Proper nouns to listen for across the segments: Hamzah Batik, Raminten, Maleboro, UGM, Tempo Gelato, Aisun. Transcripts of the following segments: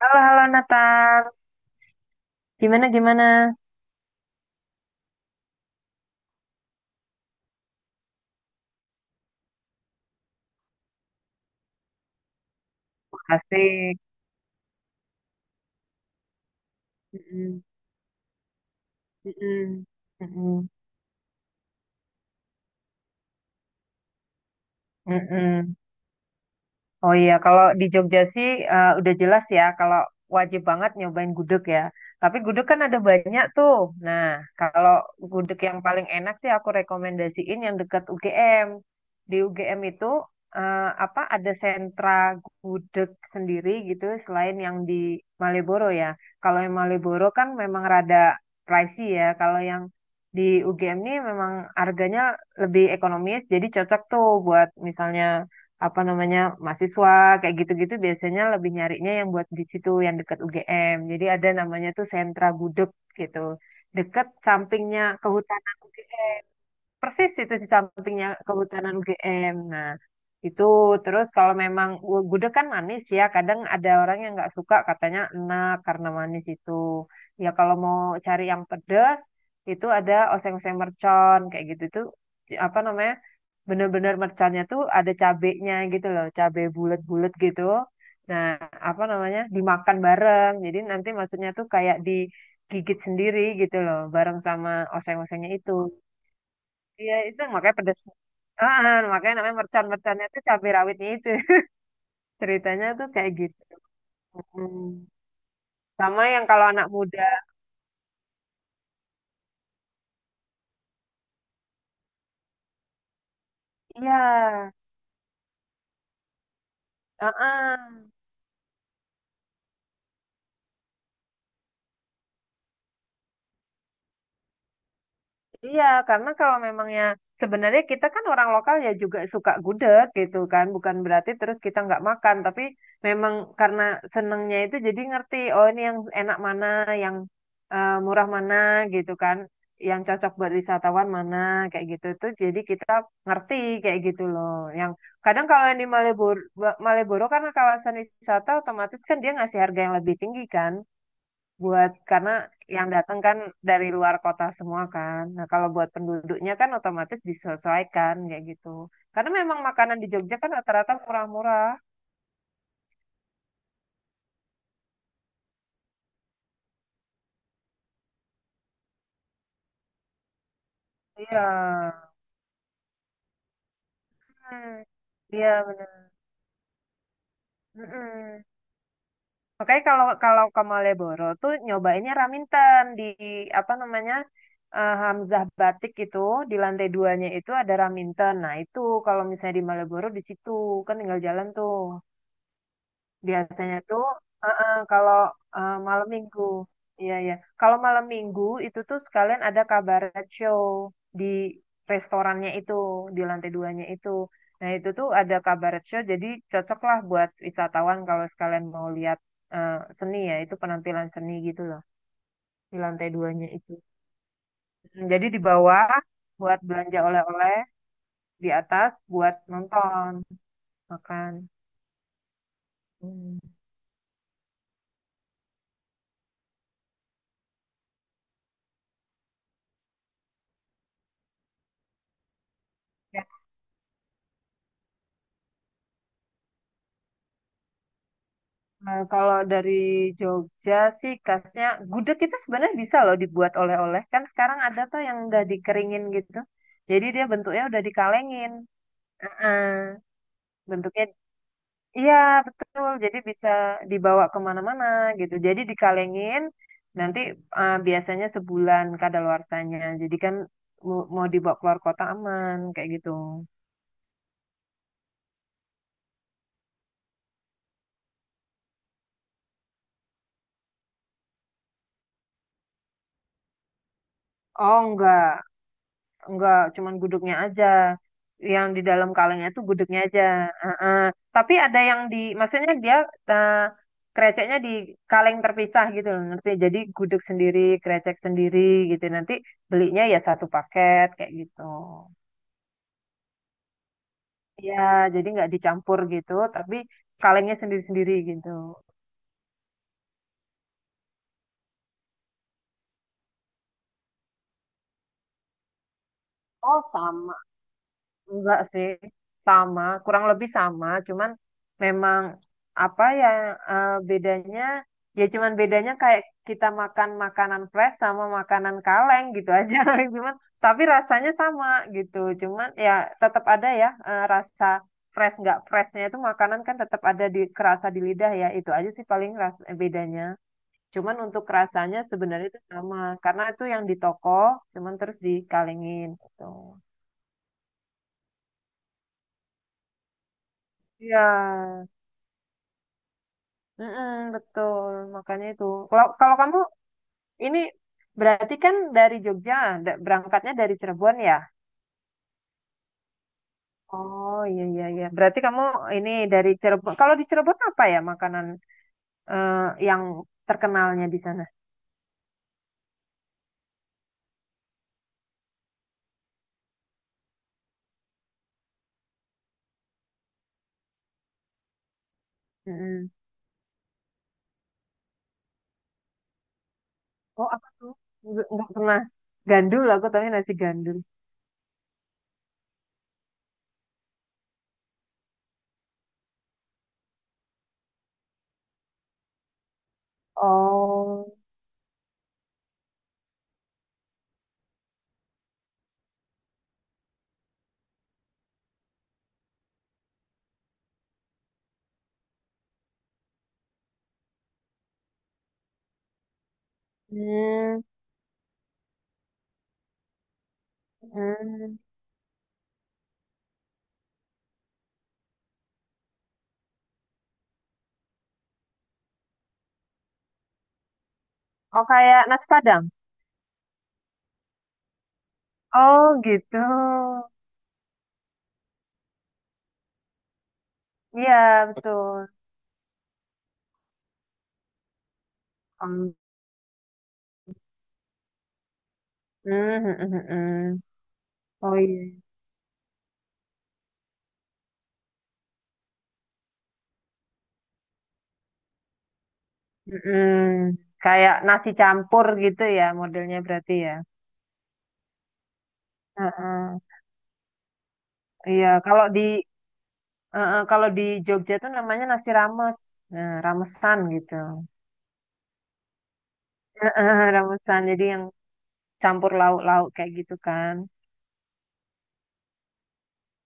Halo, halo Nathan. Gimana, gimana? Asik. Mm-mm, mm-mm, mm-mm, mm-mm. Oh iya, kalau di Jogja sih udah jelas ya, kalau wajib banget nyobain gudeg ya. Tapi gudeg kan ada banyak tuh. Nah, kalau gudeg yang paling enak sih aku rekomendasiin yang dekat UGM. Di UGM itu eh, apa ada sentra gudeg sendiri gitu selain yang di Maleboro ya. Kalau yang Maleboro kan memang rada pricey ya. Kalau yang di UGM ini memang harganya lebih ekonomis, jadi cocok tuh buat misalnya apa namanya mahasiswa kayak gitu-gitu biasanya lebih nyarinya yang buat di situ yang dekat UGM. Jadi ada namanya tuh sentra gudeg gitu. Dekat sampingnya Kehutanan UGM persis itu di sampingnya Kehutanan UGM. Nah, itu terus kalau memang gudeg kan manis ya, kadang ada orang yang nggak suka katanya enak karena manis itu. Ya kalau mau cari yang pedas itu ada oseng-oseng mercon kayak gitu itu apa namanya? Bener-bener merconnya tuh ada cabenya gitu loh, cabe bulat-bulat gitu. Nah, apa namanya? Dimakan bareng. Jadi nanti maksudnya tuh kayak digigit sendiri gitu loh, bareng sama oseng-osengnya itu. Iya itu makanya pedes. Ah, makanya namanya mercon-merconnya tuh cabai rawitnya itu. Ceritanya tuh kayak gitu. Hmm. Sama yang kalau anak muda. Iya. Heeh. Iya, karena kalau memangnya sebenarnya kita kan orang lokal ya juga suka gudeg gitu kan, bukan berarti terus kita nggak makan, tapi memang karena senengnya itu jadi ngerti, oh ini yang enak mana, yang murah mana gitu kan, yang cocok buat wisatawan mana kayak gitu tuh, jadi kita ngerti kayak gitu loh. Yang kadang kalau yang di Maleboro, Maleboro karena kawasan wisata otomatis kan dia ngasih harga yang lebih tinggi kan buat karena yang datang kan dari luar kota semua kan. Nah, kalau buat penduduknya kan otomatis disesuaikan kayak gitu. Karena memang makanan di Jogja kan rata-rata murah-murah. Iya. Hmm. Iya, bener. Mm-mm. Makanya kalau kalau ke Malioboro tuh nyobainnya Raminten di apa namanya Hamzah Batik itu di lantai duanya itu ada Raminten. Nah itu kalau misalnya di Malioboro di situ kan tinggal jalan tuh. Biasanya tuh kalau malam minggu, iya iya. Kalau malam minggu itu tuh sekalian ada kabaret show di restorannya itu, di lantai duanya itu. Nah itu tuh ada kabaret show, jadi cocok lah buat wisatawan kalau sekalian mau lihat eh, seni ya, itu penampilan seni gitu loh di lantai duanya itu. Jadi di bawah buat belanja oleh-oleh, di atas buat nonton, makan. Hmm. Nah, kalau dari Jogja sih khasnya gudeg itu sebenarnya bisa loh dibuat oleh-oleh kan sekarang ada tuh yang udah dikeringin gitu jadi dia bentuknya udah dikalengin. Heeh. Bentuknya iya betul jadi bisa dibawa kemana-mana gitu jadi dikalengin nanti biasanya sebulan kadaluarsanya jadi kan mau mau dibawa keluar kota aman kayak gitu. Oh enggak. Enggak, cuman gudegnya aja. Yang di dalam kalengnya itu gudegnya aja. Heeh. Tapi ada yang di, maksudnya dia eh, kreceknya di kaleng terpisah gitu loh, ngerti? Jadi gudeg sendiri, krecek sendiri gitu. Nanti belinya ya satu paket kayak gitu. Ya, jadi nggak dicampur gitu, tapi kalengnya sendiri-sendiri gitu. Oh, sama. Enggak sih, sama, kurang lebih sama, cuman memang apa yang bedanya, ya cuman bedanya kayak kita makan makanan fresh sama makanan kaleng gitu aja, cuman tapi rasanya sama gitu, cuman ya tetap ada ya rasa fresh nggak freshnya itu makanan kan tetap ada di kerasa di lidah ya, itu aja sih paling bedanya. Cuman untuk rasanya sebenarnya itu sama, karena itu yang di toko, cuman terus dikalengin gitu. Iya, mm-mm, betul, makanya itu. Kalau kalau kamu ini berarti kan dari Jogja, berangkatnya dari Cirebon ya? Oh iya iya iya. Berarti kamu ini dari Cirebon. Kalau di Cirebon apa ya makanan eh, yang terkenalnya di sana? Mm-mm. Oh apa tuh? Nggak pernah. Gandul aku tapi nasi gandul. Oh. Hmm. Hmm. Oh kayak nasi Padang. Oh gitu. Iya betul. Hmm. Hmm, hmm, hmm, hmm. Oh iya. Iya. Mm-mm. Kayak nasi campur gitu ya modelnya berarti ya. Heeh. Iya, kalau di heeh, kalau di Jogja tuh namanya nasi rames. Nah, ramesan gitu. Heeh, ramesan. Jadi yang campur lauk-lauk kayak gitu kan.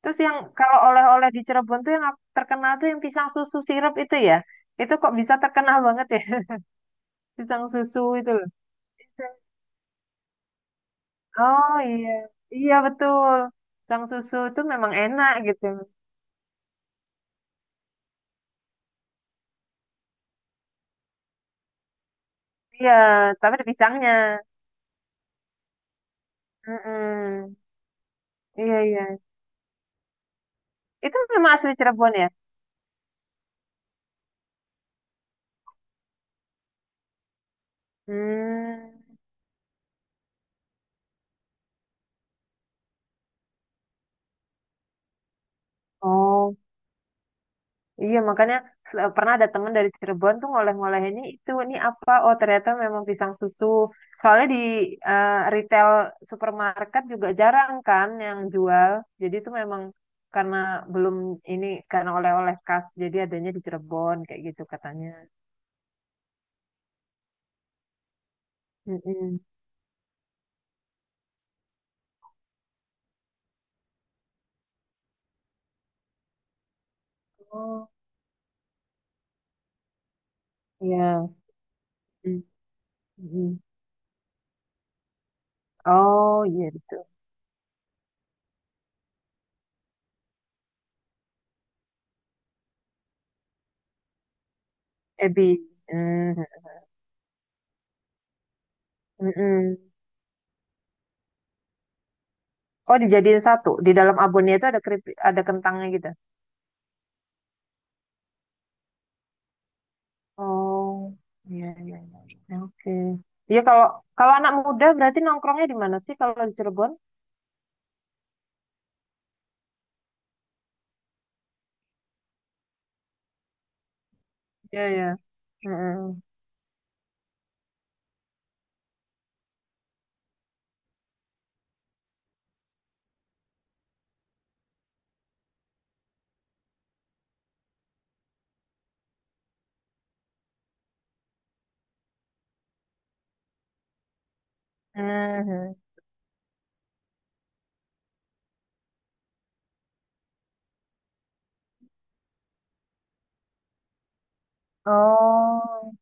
Terus yang kalau oleh-oleh di Cirebon tuh yang terkenal tuh yang pisang susu sirup itu ya. Itu kok bisa terkenal banget ya? Pisang susu itu loh. Oh iya. Iya betul. Pisang susu tuh memang enak gitu. Iya, tapi ada pisangnya. Mm-mm. Iya, iya. Itu memang asli Cirebon ya? Hmm. Oh, iya makanya pernah ada temen dari Cirebon tuh ngoleh-ngoleh ini itu ini apa? Oh, ternyata memang pisang susu. Soalnya di retail supermarket juga jarang kan yang jual. Jadi itu memang karena belum ini karena oleh-oleh khas jadi adanya di Cirebon kayak gitu katanya. Mm-mm. Oh, iya. Mm-mm. Oh, iya gitu. Ebi. Mm. Mm-mm. Oh, dijadiin satu. Di dalam abonnya itu ada ada kentangnya gitu. Oh, iya iya iya. Iya. Oke. Iya kalau kalau anak muda berarti nongkrongnya di mana sih kalau di Cirebon? Iya iya. Heeh. Mhm. Oh.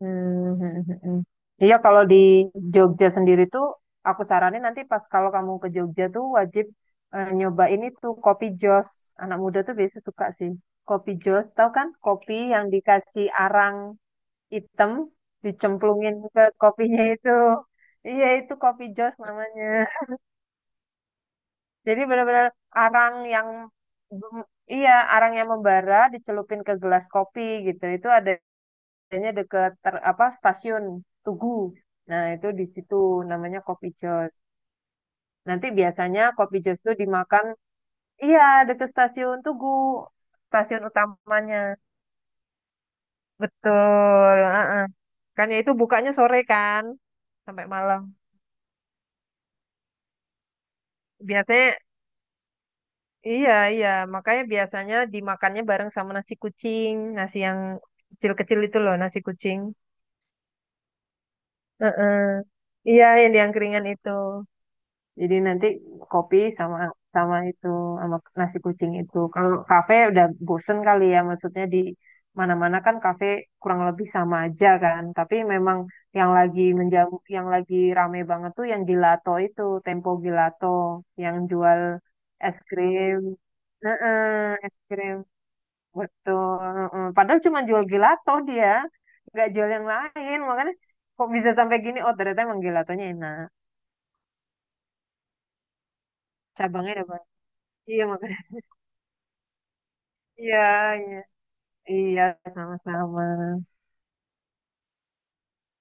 Mhm. Iya kalau di Jogja sendiri tuh aku saranin nanti pas kalau kamu ke Jogja tuh wajib nyobain itu kopi jos. Anak muda tuh biasa suka sih. Kopi jos, tahu kan? Kopi yang dikasih arang. Hitam dicemplungin ke kopinya itu. Iya, itu kopi Jos namanya. Jadi benar-benar arang yang bem- iya, arang yang membara dicelupin ke gelas kopi gitu. Itu adanya deket apa stasiun Tugu. Nah, itu di situ namanya kopi Jos. Nanti biasanya kopi Jos itu dimakan, iya, deket stasiun Tugu, stasiun utamanya. Betul, heeh. Kan ya itu bukanya sore kan sampai malam. Biasanya. Iya, iya. Makanya biasanya dimakannya bareng sama nasi kucing, nasi yang kecil-kecil itu loh, nasi kucing. Heeh. Iya, yang itu. Jadi nanti kopi sama sama itu sama nasi kucing itu. Kalau kafe udah bosen kali ya, maksudnya di mana-mana kan kafe kurang lebih sama aja kan. Tapi memang yang lagi menjamu, yang lagi rame banget tuh yang gelato itu, Tempo Gelato, yang jual es krim. Heeh, es krim. Betul. Mm. Padahal cuma jual gelato dia, nggak jual yang lain. Makanya kok bisa sampai gini? Oh ternyata emang gelatonya enak. Cabangnya ada banyak. Iya makanya. Iya, iya. Iya, sama-sama.